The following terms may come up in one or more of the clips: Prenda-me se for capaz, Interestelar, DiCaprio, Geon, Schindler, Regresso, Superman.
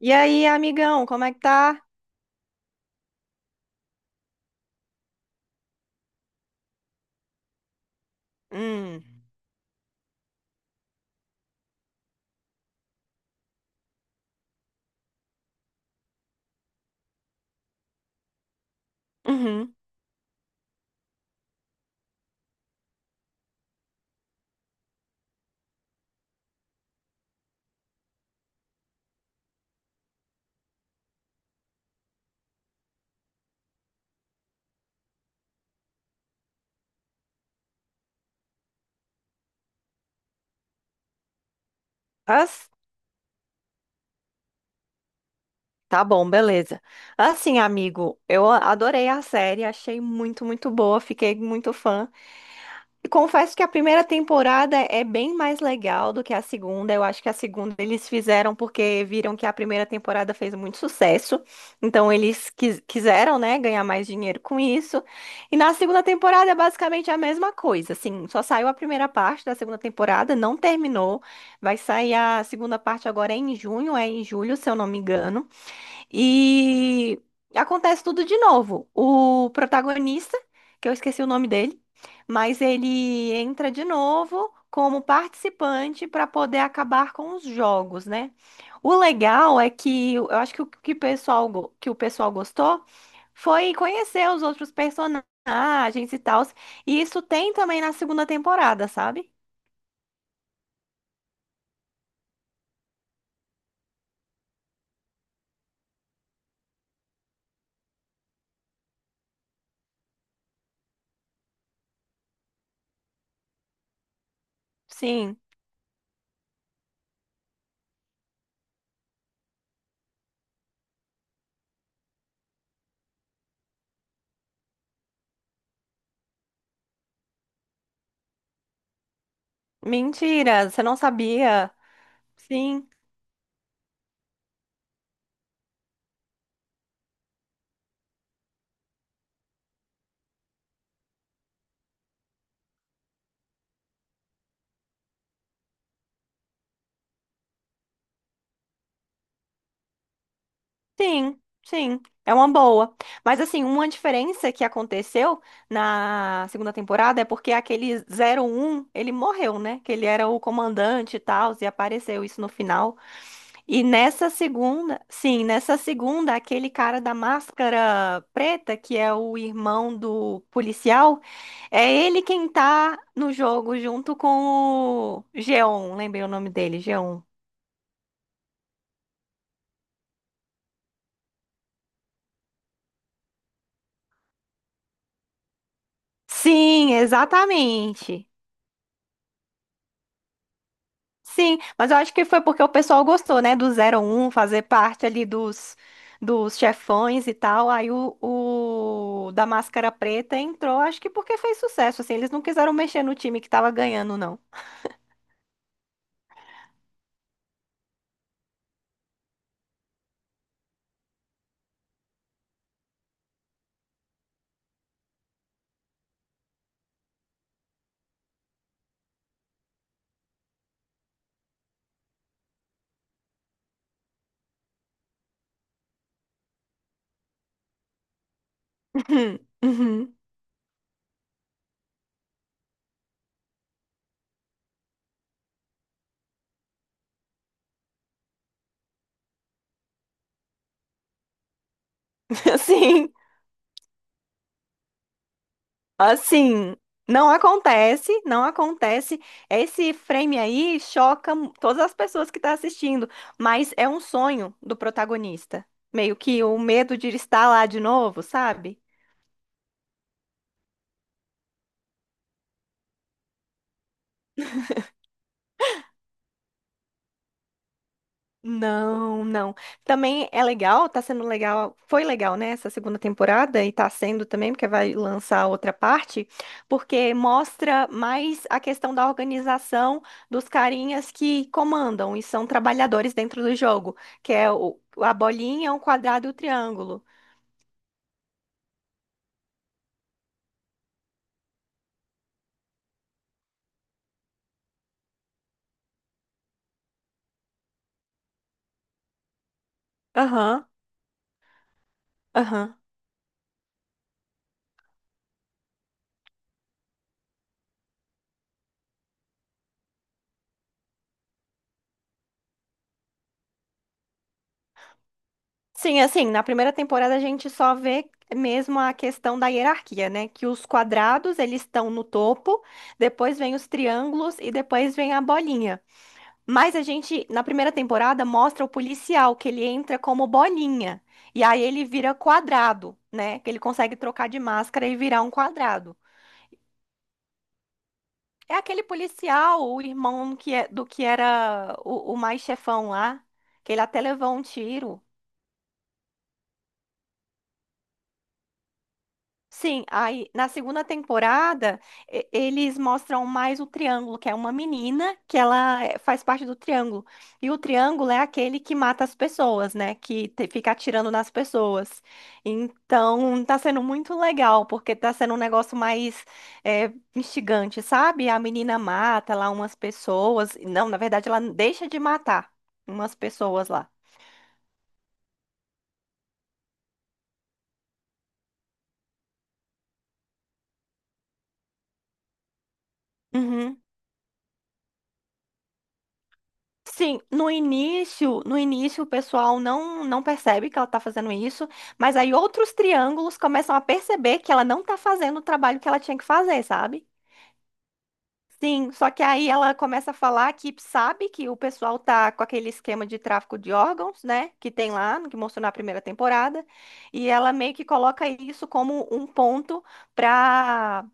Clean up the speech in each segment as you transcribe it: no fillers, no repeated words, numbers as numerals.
E aí, amigão, como é que tá? Hum, uhum. As- Tá bom, beleza. Assim, amigo, eu adorei a série, achei muito, muito boa, fiquei muito fã. Confesso que a primeira temporada é bem mais legal do que a segunda. Eu acho que a segunda eles fizeram porque viram que a primeira temporada fez muito sucesso. Então eles quiseram, né, ganhar mais dinheiro com isso. E na segunda temporada é basicamente a mesma coisa. Assim, só saiu a primeira parte da segunda temporada, não terminou. Vai sair a segunda parte agora em junho, é em julho, se eu não me engano. E acontece tudo de novo. O protagonista, que eu esqueci o nome dele, mas ele entra de novo como participante para poder acabar com os jogos, né? O legal é que eu acho que o que o pessoal gostou foi conhecer os outros personagens e tal. E isso tem também na segunda temporada, sabe? Sim. Mentira, você não sabia? Sim. Sim, sim, é uma boa. Mas assim, uma diferença que aconteceu na segunda temporada é porque aquele 001 ele morreu, né? Que ele era o comandante e tal, e apareceu isso no final. E nessa segunda, sim, nessa segunda, aquele cara da máscara preta, que é o irmão do policial, é ele quem tá no jogo junto com o Geon, lembrei o nome dele, Geon. Sim, exatamente. Sim, mas eu acho que foi porque o pessoal gostou, né, do 001 fazer parte ali dos, dos chefões e tal. Aí o da Máscara Preta entrou, acho que porque fez sucesso, assim, eles não quiseram mexer no time que tava ganhando, não. Uhum, uhum. Assim, assim, não acontece, não acontece. Esse frame aí todas as pessoas que estão assistindo, mas é um sonho do protagonista. Meio que o medo de estar lá de novo, sabe? Não, não. Também é legal, tá sendo legal, foi legal, né, essa segunda temporada e tá sendo também, porque vai lançar outra parte, porque mostra mais a questão da organização dos carinhas que comandam e são trabalhadores dentro do jogo, que é o, a bolinha, o quadrado e o triângulo. Aham, aham. Sim, assim, na primeira temporada a gente só vê mesmo a questão da hierarquia, né? Que os quadrados, eles estão no topo, depois vem os triângulos e depois vem a bolinha. Mas a gente, na primeira temporada, mostra o policial, que ele entra como bolinha. E aí ele vira quadrado, né? Que ele consegue trocar de máscara e virar um quadrado. É aquele policial, o irmão que é, do que era o mais chefão lá, que ele até levou um tiro. Sim, aí na segunda temporada eles mostram mais o triângulo, que é uma menina que ela faz parte do triângulo. E o triângulo é aquele que mata as pessoas, né? Fica atirando nas pessoas. Então tá sendo muito legal, porque tá sendo um negócio mais instigante, sabe? A menina mata lá umas pessoas. Não, na verdade ela deixa de matar umas pessoas lá. Uhum. Sim, no início, no início o pessoal não percebe que ela tá fazendo isso, mas aí outros triângulos começam a perceber que ela não tá fazendo o trabalho que ela tinha que fazer, sabe? Sim, só que aí ela começa a falar que sabe que o pessoal tá com aquele esquema de tráfico de órgãos, né, que tem lá, que mostrou na primeira temporada, e ela meio que coloca isso como um ponto para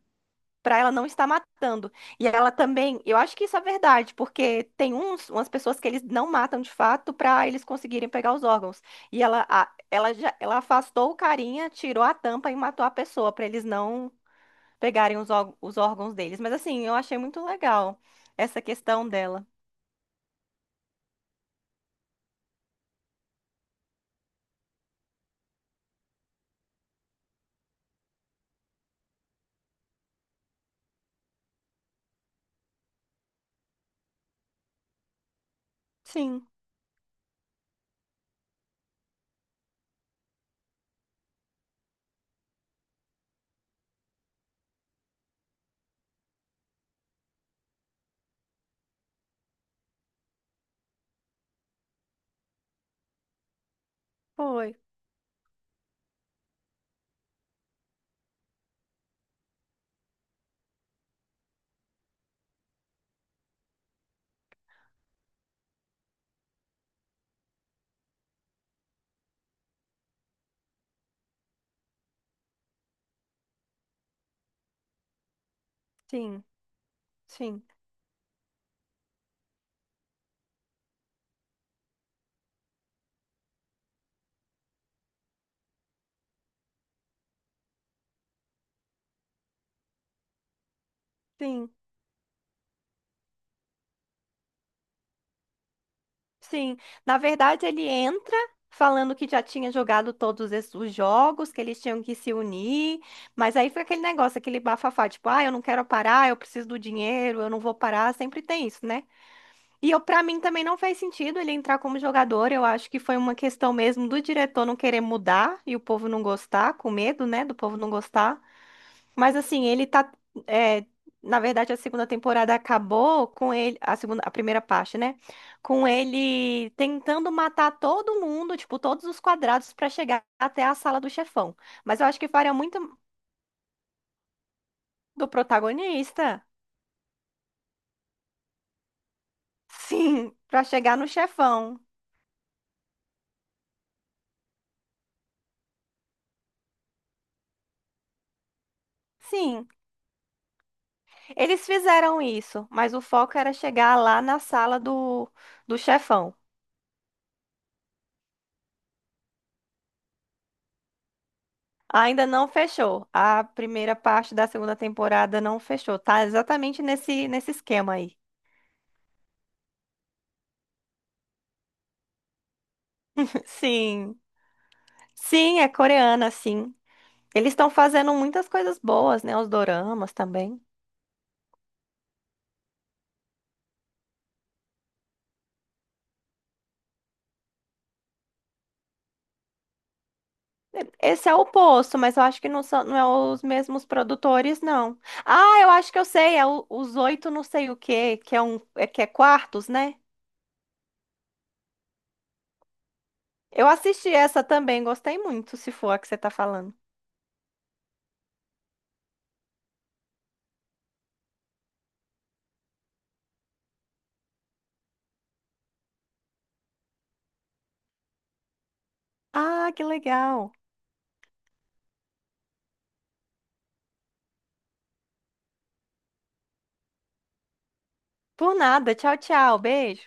para ela não estar matando. E ela também, eu acho que isso é verdade, porque tem uns, umas pessoas que eles não matam de fato para eles conseguirem pegar os órgãos. E ela afastou o carinha, tirou a tampa e matou a pessoa para eles não pegarem os, os órgãos deles. Mas assim, eu achei muito legal essa questão dela. Sim, foi. Sim, sim, sim. Sim, na verdade ele entra falando que já tinha jogado os jogos, que eles tinham que se unir, mas aí foi aquele negócio, aquele bafafá, tipo, ah, eu não quero parar, eu preciso do dinheiro, eu não vou parar, sempre tem isso, né? E eu, para mim também não faz sentido ele entrar como jogador, eu acho que foi uma questão mesmo do diretor não querer mudar e o povo não gostar, com medo, né, do povo não gostar. Mas assim, ele tá. É, na verdade, a segunda temporada acabou com ele. A segunda, a primeira parte, né? Com ele tentando matar todo mundo, tipo, todos os quadrados, pra chegar até a sala do chefão. Mas eu acho que faria muito do protagonista. Sim, pra chegar no chefão. Sim, eles fizeram isso, mas o foco era chegar lá na sala do, do chefão. Ainda não fechou. A primeira parte da segunda temporada não fechou. Tá exatamente nesse, nesse esquema aí. Sim. Sim, é coreana, sim. Eles estão fazendo muitas coisas boas, né? Os doramas também. Esse é o oposto, mas eu acho que não são, não é os mesmos produtores, não. Ah, eu acho que eu sei, é os oito não sei o quê, que é um, é que é quartos, né? Eu assisti essa também, gostei muito, se for a que você tá falando. Ah, que legal. Por nada. Tchau, tchau. Beijo.